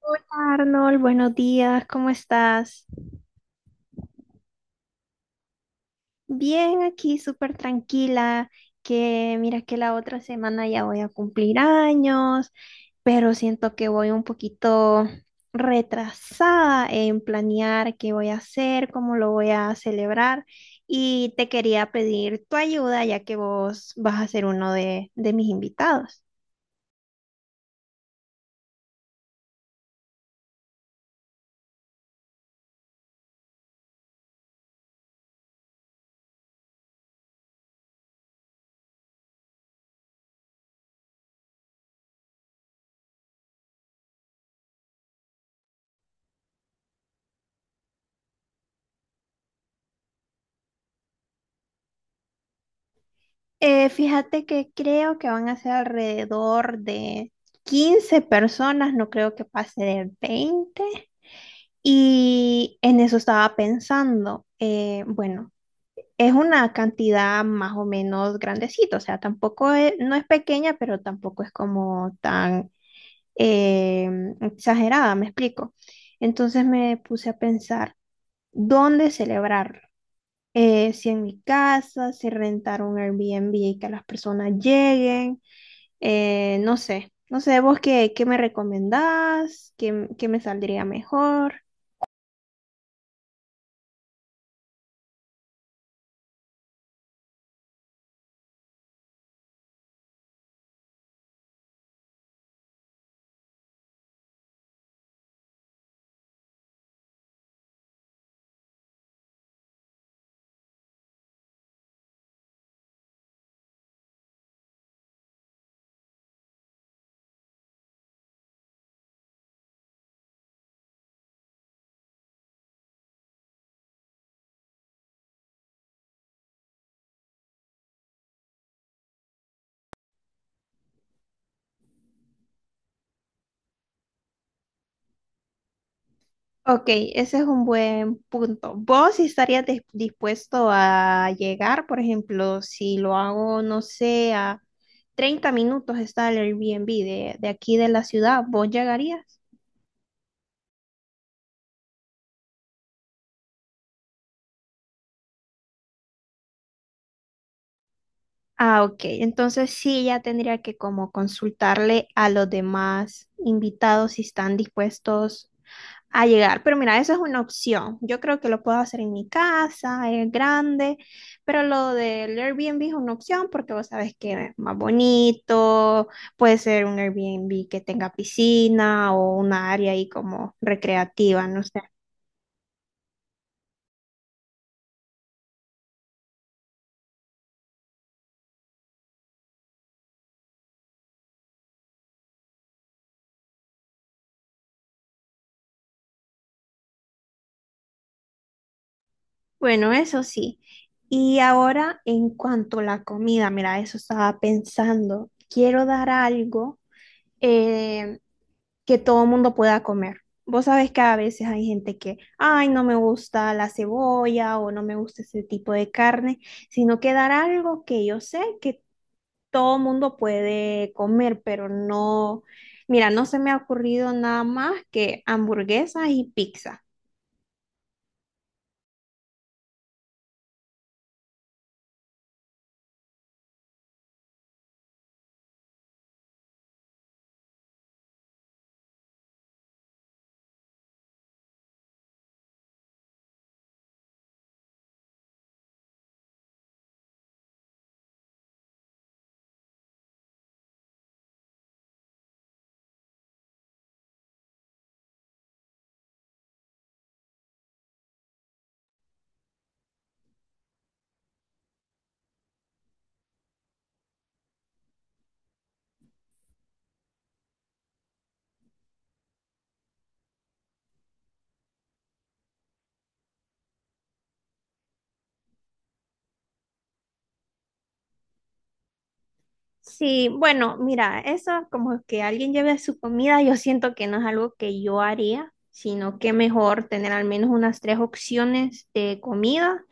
Hola Arnold, buenos días, ¿cómo estás? Bien, aquí súper tranquila, que mira que la otra semana ya voy a cumplir años, pero siento que voy un poquito retrasada en planear qué voy a hacer, cómo lo voy a celebrar y te quería pedir tu ayuda ya que vos vas a ser uno de mis invitados. Fíjate que creo que van a ser alrededor de 15 personas, no creo que pase de 20. Y en eso estaba pensando, bueno, es una cantidad más o menos grandecita, o sea, tampoco es, no es pequeña, pero tampoco es como tan eh, exagerada, me explico. Entonces me puse a pensar, ¿dónde celebrarlo? Si en mi casa, si rentar un Airbnb y que las personas lleguen. No sé, no sé, vos qué me recomendás, qué me saldría mejor. Ok, ese es un buen punto. ¿Vos estarías dispuesto a llegar? Por ejemplo, si lo hago, no sé, a 30 minutos está el Airbnb de aquí de la ciudad, ¿vos llegarías? Ah, ok. Entonces sí, ya tendría que como consultarle a los demás invitados si están dispuestos a llegar. Pero mira, esa es una opción. Yo creo que lo puedo hacer en mi casa, es grande, pero lo del Airbnb es una opción porque vos sabes que es más bonito, puede ser un Airbnb que tenga piscina o un área ahí como recreativa, no sé. Bueno, eso sí. Y ahora en cuanto a la comida, mira, eso estaba pensando. Quiero dar algo eh, que todo el mundo pueda comer. Vos sabés que a veces hay gente que, ay, no me gusta la cebolla o no me gusta ese tipo de carne, sino que dar algo que yo sé que todo mundo puede comer, pero no, mira, no se me ha ocurrido nada más que hamburguesas y pizza. Sí, bueno, mira, eso como que alguien lleve su comida, yo siento que no es algo que yo haría, sino que mejor tener al menos unas tres opciones de comida,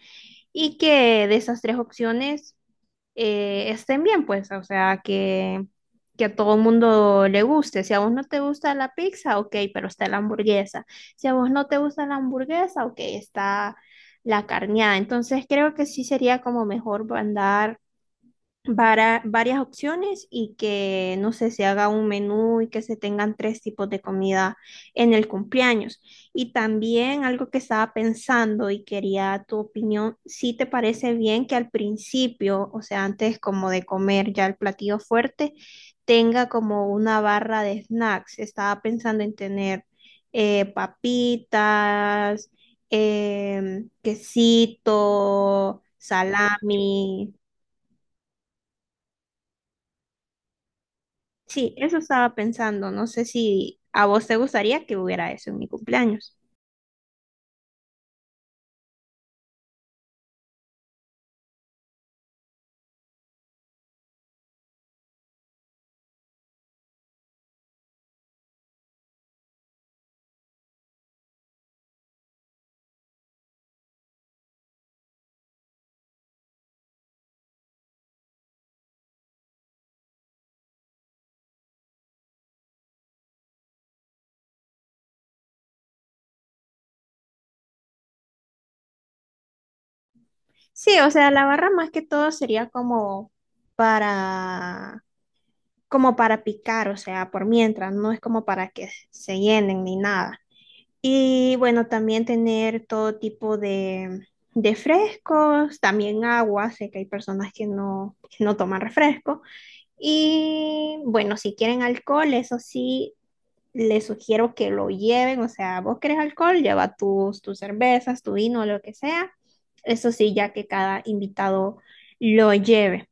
y que de esas tres opciones estén bien, pues, o sea, que a todo el mundo le guste. Si a vos no te gusta la pizza, ok, pero está la hamburguesa. Si a vos no te gusta la hamburguesa, ok, está la carneada. Entonces creo que sí sería como mejor mandar varias opciones y que, no sé, se haga un menú y que se tengan tres tipos de comida en el cumpleaños. Y también algo que estaba pensando y quería tu opinión, si te parece bien que al principio, o sea, antes como de comer ya el platillo fuerte, tenga como una barra de snacks. Estaba pensando en tener papitas, quesito, salami. Sí, eso estaba pensando. No sé si a vos te gustaría que hubiera eso en mi cumpleaños. Sí, o sea, la barra más que todo sería como para, como para picar, o sea, por mientras, no es como para que se llenen ni nada. Y bueno, también tener todo tipo de frescos, también agua. Sé que hay personas que no toman refresco. Y bueno, si quieren alcohol, eso sí, les sugiero que lo lleven, o sea, vos querés alcohol, lleva tus cervezas, tu vino, lo que sea. Eso sí, ya que cada invitado lo lleve.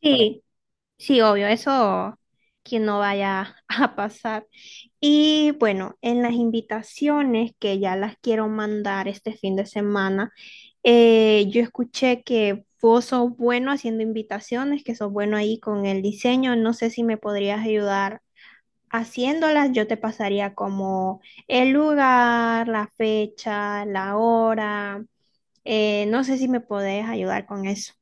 Sí, sí, obvio, eso que no vaya a pasar. Y bueno, en las invitaciones que ya las quiero mandar este fin de semana, yo escuché que vos sos bueno haciendo invitaciones, que sos bueno ahí con el diseño. No sé si me podrías ayudar haciéndolas, yo te pasaría como el lugar, la fecha, la hora. No sé si me podés ayudar con eso.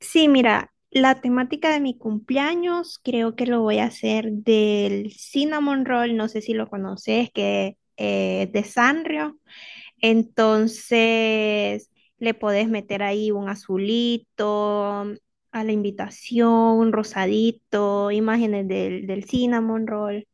Sí, mira, la temática de mi cumpleaños creo que lo voy a hacer del cinnamon roll, no sé si lo conoces, que es de Sanrio. Entonces, le podés meter ahí un azulito a la invitación, un rosadito, imágenes del cinnamon roll.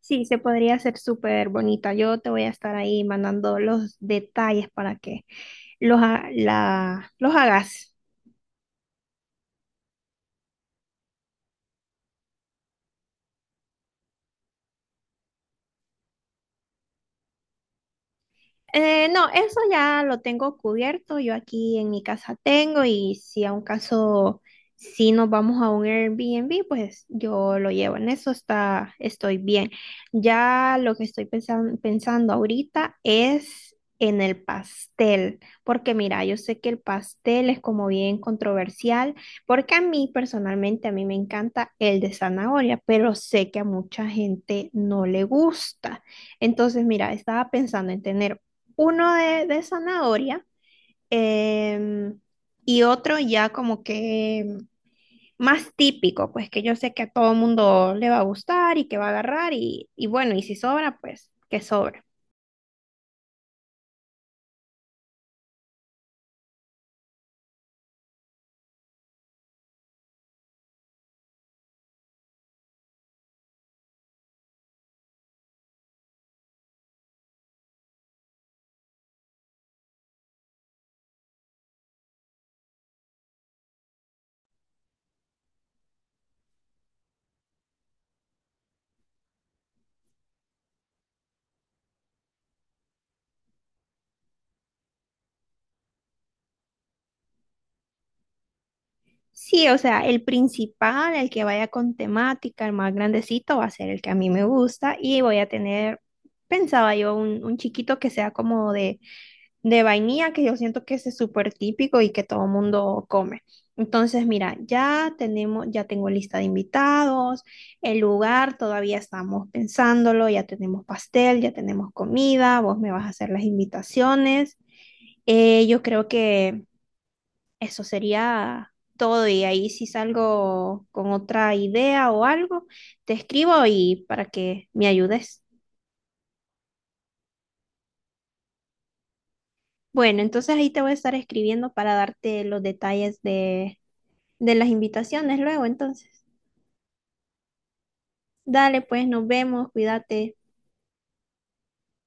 Sí, se podría hacer súper bonita. Yo te voy a estar ahí mandando los detalles para que los hagas. No, eso ya lo tengo cubierto. Yo aquí en mi casa tengo y si a un caso, si nos vamos a un Airbnb, pues yo lo llevo. En eso estoy bien. Ya lo que estoy pensando ahorita es en el pastel, porque mira, yo sé que el pastel es como bien controversial, porque a mí personalmente, a mí me encanta el de zanahoria, pero sé que a mucha gente no le gusta. Entonces, mira, estaba pensando en tener uno de zanahoria, em, y otro ya como que más típico, pues que yo sé que a todo mundo le va a gustar y que va a agarrar y, bueno, y si sobra, pues que sobra. Sí, o sea, el principal, el que vaya con temática, el más grandecito, va a ser el que a mí me gusta y voy a tener, pensaba yo, un chiquito que sea como de vainilla, que yo siento que ese es súper típico y que todo el mundo come. Entonces, mira, ya tengo lista de invitados, el lugar, todavía estamos pensándolo, ya tenemos pastel, ya tenemos comida, vos me vas a hacer las invitaciones. Yo creo que eso sería todo y ahí si salgo con otra idea o algo, te escribo y para que me ayudes. Bueno, entonces ahí te voy a estar escribiendo para darte los detalles de las invitaciones luego, entonces. Dale, pues, nos vemos, cuídate.